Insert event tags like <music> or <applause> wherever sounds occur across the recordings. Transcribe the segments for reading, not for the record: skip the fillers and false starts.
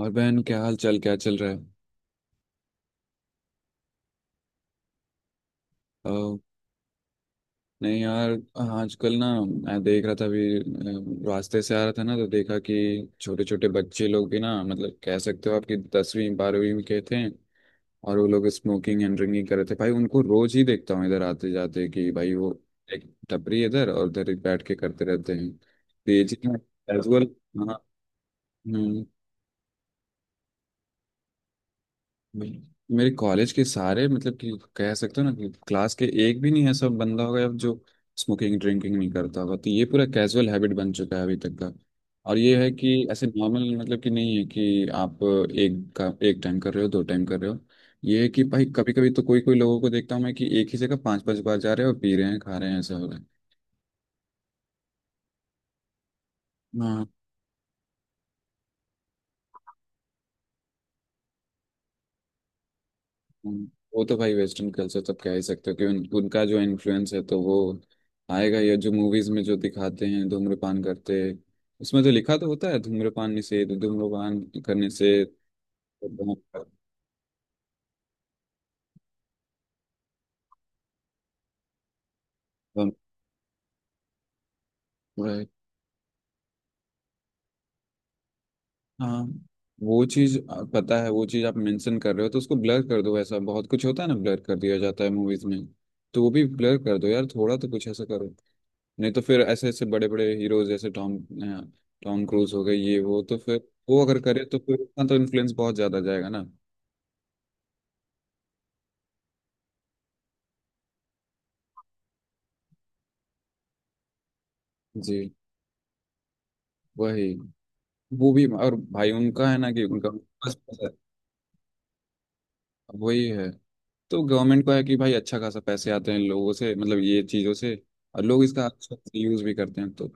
और बहन, क्या हाल चाल, क्या चल रहा है? अ, नहीं यार। आजकल ना मैं देख रहा था, अभी रास्ते से आ रहा था ना, तो देखा कि छोटे छोटे बच्चे लोग भी, ना मतलब कह सकते हो आपकी 10वीं 12वीं में के थे। और वो लोग स्मोकिंग एंड ड्रिंकिंग कर रहे थे। भाई उनको रोज ही देखता हूँ इधर आते जाते, कि भाई वो एक टपरी इधर और उधर एक बैठ के करते रहते हैं। तो ये चीज एज वेल। हाँ। हम्म। बिल्कुल। मेरे कॉलेज के सारे मतलब कि, कह सकते हो ना कि क्लास के एक भी नहीं ऐसा बंदा होगा जो स्मोकिंग ड्रिंकिंग नहीं करता होगा। तो ये पूरा कैजुअल हैबिट बन चुका है अभी तक का। और ये है कि ऐसे नॉर्मल, मतलब कि, नहीं है कि आप एक का एक टाइम कर रहे हो, दो टाइम कर रहे हो। ये है कि भाई कभी कभी तो कोई कोई लोगों को देखता हूँ मैं, कि एक ही जगह पांच पांच बार जा रहे हो, पी रहे हैं खा रहे हैं, ऐसा हो रहा है। हम्म। वो तो भाई, वेस्टर्न कल्चर तो कह ही सकते हो कि उनका जो इन्फ्लुएंस है तो वो आएगा, या जो मूवीज में जो दिखाते हैं धूम्रपान करते। उसमें तो लिखा तो होता है धूम्रपान निषेध, धूम्रपान करने से धूम- right। हाँ, वो चीज पता है। वो चीज आप मेंशन कर रहे हो, तो उसको ब्लर कर दो। ऐसा बहुत कुछ होता है ना, ब्लर कर दिया जाता है मूवीज में। तो वो भी ब्लर कर दो यार, थोड़ा तो कुछ ऐसा करो। नहीं तो फिर ऐसे ऐसे बड़े बड़े हीरोज जैसे टॉम टॉम क्रूज हो गए, ये वो, तो फिर वो अगर करे तो फिर उतना तो इन्फ्लुएंस बहुत ज्यादा जाएगा ना। जी, वही। वो भी, और भाई उनका है ना कि उनका बस पैसा है। वही है। तो गवर्नमेंट को है कि भाई अच्छा खासा पैसे आते हैं लोगों से, मतलब ये चीज़ों से, और लोग इसका अच्छा यूज भी करते हैं तो।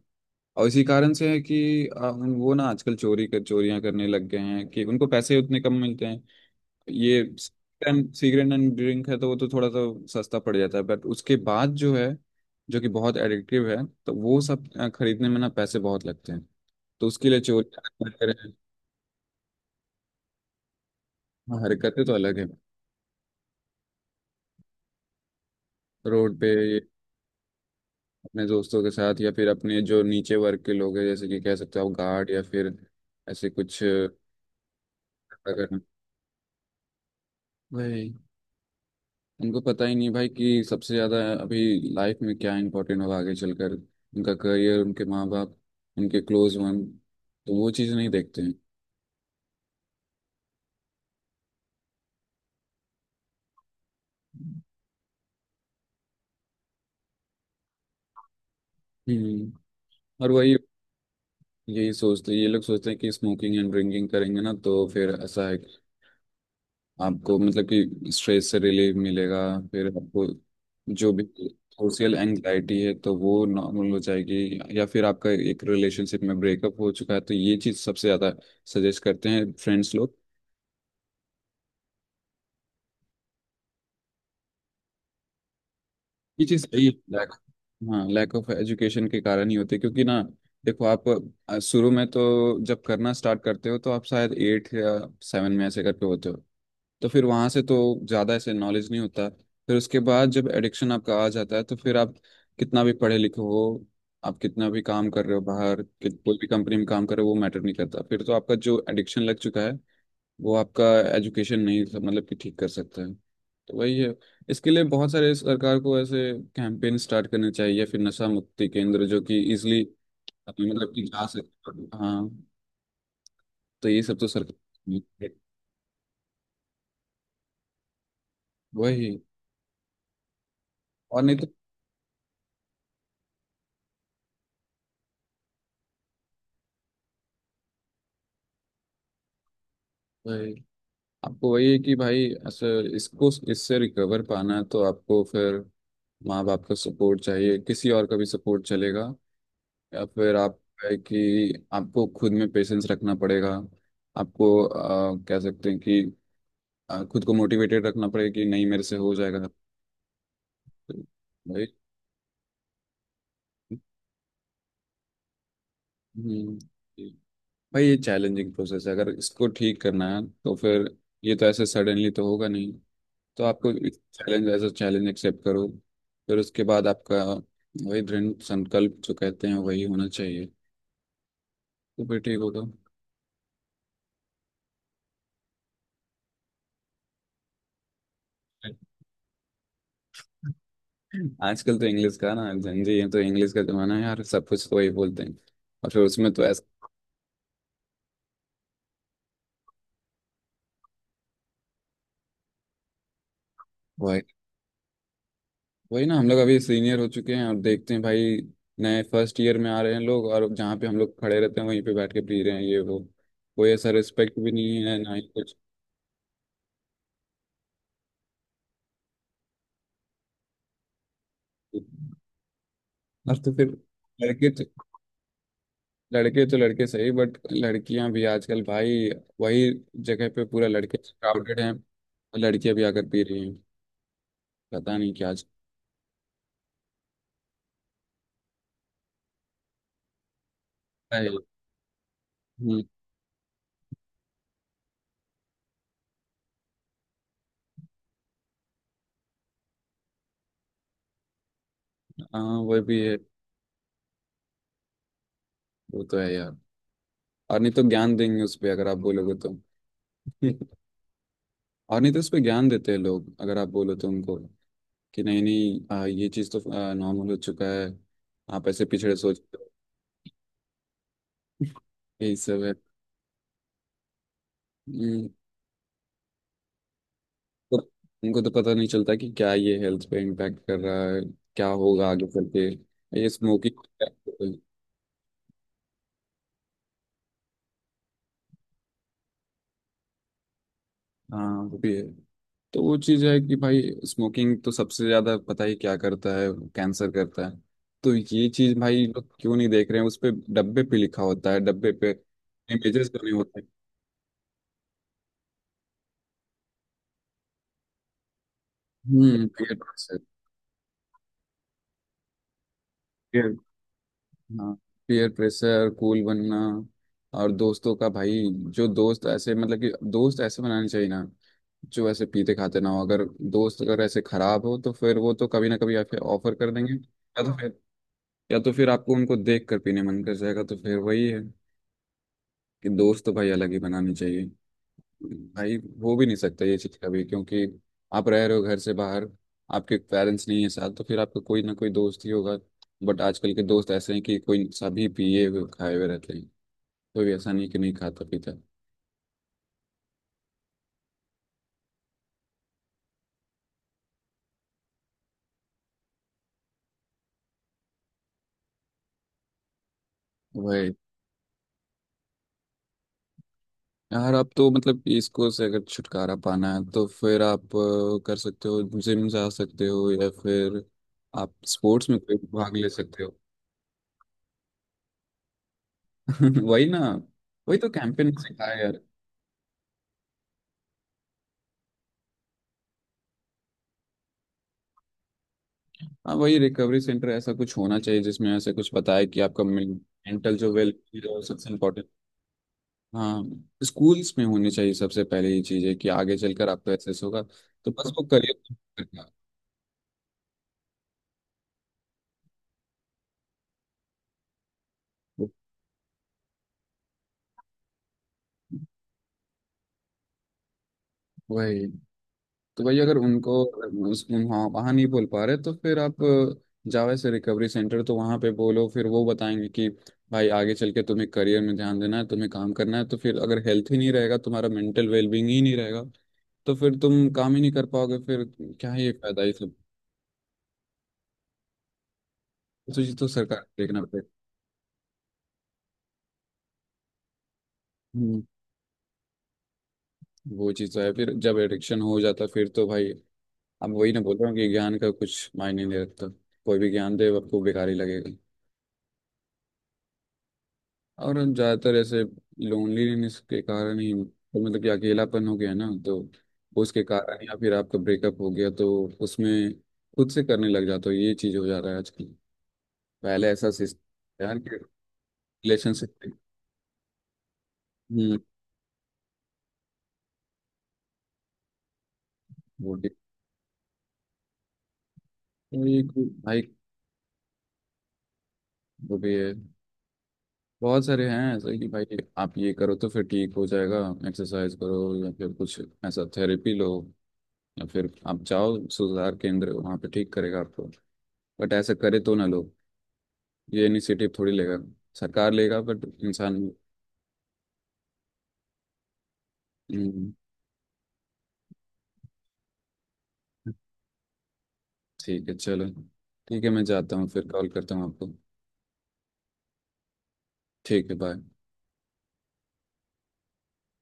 और इसी कारण से है कि वो ना आजकल चोरी कर चोरियां करने लग गए हैं, कि उनको पैसे उतने कम मिलते हैं। ये सिगरेट एंड ड्रिंक है तो वो तो थोड़ा सा सस्ता पड़ जाता है, बट उसके बाद जो है जो कि बहुत एडिक्टिव है, तो वो सब खरीदने में ना पैसे बहुत लगते हैं, तो उसके लिए चोरी। हरकतें। हाँ, हरकतें तो अलग है। रोड पे ये अपने दोस्तों के साथ, या फिर अपने जो नीचे वर्ग के लोग हैं जैसे कि कह सकते हो आप गार्ड या फिर ऐसे कुछ, करना। वही। उनको पता ही नहीं भाई कि सबसे ज्यादा अभी लाइफ में क्या इम्पोर्टेंट होगा आगे चलकर, उनका करियर, उनके माँ बाप, उनके क्लोज वन, तो वो चीज़ नहीं देखते हैं। हम्म। और वही, यही सोचते, ये लोग सोचते हैं कि स्मोकिंग एंड ड्रिंकिंग करेंगे ना तो फिर ऐसा है कि आपको, मतलब कि, स्ट्रेस से रिलीफ मिलेगा, फिर आपको जो भी सोशल एंग्जाइटी है तो वो नॉर्मल हो जाएगी, या फिर आपका एक रिलेशनशिप में ब्रेकअप हो चुका है तो ये चीज़ सबसे ज़्यादा सजेस्ट करते हैं फ्रेंड्स लोग। ये चीज सही है। लैक। हाँ, लैक ऑफ एजुकेशन के कारण ही होते हैं, क्योंकि ना देखो आप, शुरू में तो जब करना स्टार्ट करते हो तो आप शायद 8 या 7 में ऐसे करके होते हो। तो फिर वहां से तो ज्यादा ऐसे नॉलेज नहीं होता। फिर उसके बाद जब एडिक्शन आपका आ जाता है तो फिर आप कितना भी पढ़े लिखे हो, आप कितना भी काम कर रहे हो बाहर, कोई भी कंपनी में काम कर रहे हो, वो मैटर नहीं करता। फिर तो आपका जो एडिक्शन लग चुका है वो आपका, एजुकेशन नहीं सब मतलब कि ठीक कर सकता है। तो वही है। इसके लिए बहुत सारे सरकार को ऐसे कैंपेन स्टार्ट करने चाहिए, फिर नशा मुक्ति केंद्र जो कि इजिली मतलब कि जा सकते, हाँ। तो ये सब तो सरकार, वही। और नहीं तो वही। आपको वही है कि भाई ऐसे, इसको इससे रिकवर पाना है तो आपको फिर माँ बाप का सपोर्ट चाहिए, किसी और का भी सपोर्ट चलेगा, या फिर आप है कि आपको खुद में पेशेंस रखना पड़ेगा। आपको कह सकते हैं कि खुद को मोटिवेटेड रखना पड़ेगा कि नहीं, मेरे से हो जाएगा भाई। हम्म। भाई ये चैलेंजिंग प्रोसेस है, अगर इसको ठीक करना है तो फिर ये तो ऐसे सडनली तो होगा नहीं। तो आपको challenge as a challenge accept करो, फिर उसके बाद आपका वही दृढ़ संकल्प जो कहते हैं, वही होना चाहिए। तो फिर ठीक होगा। आजकल तो इंग्लिश का ना, जंजी है तो इंग्लिश का जमाना है यार, सब कुछ तो वही बोलते हैं। और फिर उसमें तो ऐसा वही। वही ना, हम लोग अभी सीनियर हो चुके हैं और देखते हैं भाई नए फर्स्ट ईयर में आ रहे हैं लोग, और जहाँ पे हम लोग खड़े रहते हैं वहीं पे बैठ के पी रहे हैं ये वो। कोई ऐसा रिस्पेक्ट भी नहीं है, ना ही कुछ। और तो फिर लड़के तो लड़के सही, बट लड़कियां भी आजकल भाई वही जगह पे, पूरा लड़के क्राउडेड हैं और लड़कियां भी आकर पी रही हैं, पता नहीं क्या चल रहा है। हम्म। हाँ, वो भी है। वो तो है यार। और नहीं तो ज्ञान देंगे उस पे अगर आप बोलोगे तो। <laughs> और नहीं तो उस पे ज्ञान देते हैं लोग अगर आप बोलो तो उनको, कि नहीं नहीं, ये चीज़ तो नॉर्मल हो चुका है, आप ऐसे पिछड़े सोचते हो, यही सब है। हम्म। तो उनको तो पता नहीं चलता कि क्या ये हेल्थ पे इम्पैक्ट कर रहा है, क्या होगा आगे चल के ये स्मोकिंग। हाँ, वो भी है। तो वो चीज़ है कि भाई, स्मोकिंग तो सबसे ज़्यादा पता ही क्या करता है, कैंसर करता है। तो ये चीज़ भाई लोग क्यों नहीं देख रहे हैं? उस पे डब्बे पे लिखा होता है, डब्बे पे इमेजेस बने होते हैं। हम्म, पीयर प्रेशर। पीयर। हाँ, पीयर प्रेशर, कूल बनना। और दोस्तों का भाई, जो दोस्त ऐसे, मतलब कि दोस्त ऐसे बनाने चाहिए ना जो ऐसे पीते खाते ना हो, अगर दोस्त अगर ऐसे खराब हो तो फिर वो तो कभी ना कभी आपके ऑफर कर देंगे, या तो फिर, आपको उनको देख कर पीने मन कर जाएगा, तो फिर वही है कि दोस्त तो भाई अलग ही बनाने चाहिए भाई। हो भी नहीं सकता ये चीज़ कभी, क्योंकि आप रह रहे हो घर से बाहर, आपके पेरेंट्स नहीं है साथ तो फिर आपका कोई ना कोई दोस्त ही होगा। बट आजकल के दोस्त ऐसे हैं कि कोई सभी पिए हुए खाए हुए रहते हैं, कोई ऐसा नहीं कि नहीं खाता पीता भाई। यार आप तो, मतलब इसको से अगर छुटकारा पाना है, तो फिर आप कर सकते हो, जिम जा सकते हो, या फिर आप स्पोर्ट्स में कोई भाग ले सकते हो। <laughs> वही ना, वही तो कैंपेन सिखाया यार। हाँ, वही रिकवरी सेंटर ऐसा कुछ होना चाहिए जिसमें ऐसे कुछ बताए कि आपका मेंटल जो वेलफेयर है वो सबसे इम्पोर्टेंट। हाँ, स्कूल्स में होनी चाहिए सबसे पहले ये चीज़, है कि आगे चलकर आपको एसेस होगा, तो बस वो करियर वही। तो वही, अगर उनको उस, वहाँ वहाँ नहीं बोल पा रहे तो फिर आप जावे से रिकवरी सेंटर, तो वहाँ पे बोलो, फिर वो बताएंगे कि भाई आगे चल के तुम्हें करियर में ध्यान देना है, तुम्हें काम करना है, तो फिर अगर हेल्थ ही नहीं रहेगा, तुम्हारा मेंटल वेलबींग ही नहीं रहेगा, तो फिर तुम काम ही नहीं कर पाओगे, फिर क्या ही एक फायदा ये सब। तो चीज तो सरकार को देखना पड़ेगा। हम्म। वो चीज़ तो है, फिर जब एडिक्शन हो जाता है, फिर तो भाई, अब वही ना बोल रहा हूँ कि ज्ञान का कुछ मायने नहीं रखता, कोई भी ज्ञान दे आपको बेकार ही लगेगा। और ज़्यादातर ऐसे लोनलीनेस के कारण ही तो, मतलब कि अकेलापन हो गया ना तो उसके कारण, या फिर आपका ब्रेकअप हो गया तो उसमें खुद से करने लग जाता हो, ये चीज़ हो जा रहा है आजकल। पहले ऐसा सिस्टम यार, कि रिलेशनशिप। हम्म। वो भी- भाई वो भी है। बहुत सारे हैं ऐसे कि भाई आप ये करो तो फिर ठीक हो जाएगा, एक्सरसाइज करो या फिर कुछ ऐसा थेरेपी लो, या फिर आप जाओ सुधार केंद्र वहाँ पे ठीक करेगा आपको। बट ऐसा करे तो ना लोग, ये इनिशिएटिव थोड़ी लेगा, सरकार लेगा बट इंसान। हम्म। ठीक है चलो। ठीक है मैं जाता हूँ, फिर कॉल करता हूँ आपको। ठीक है, बाय।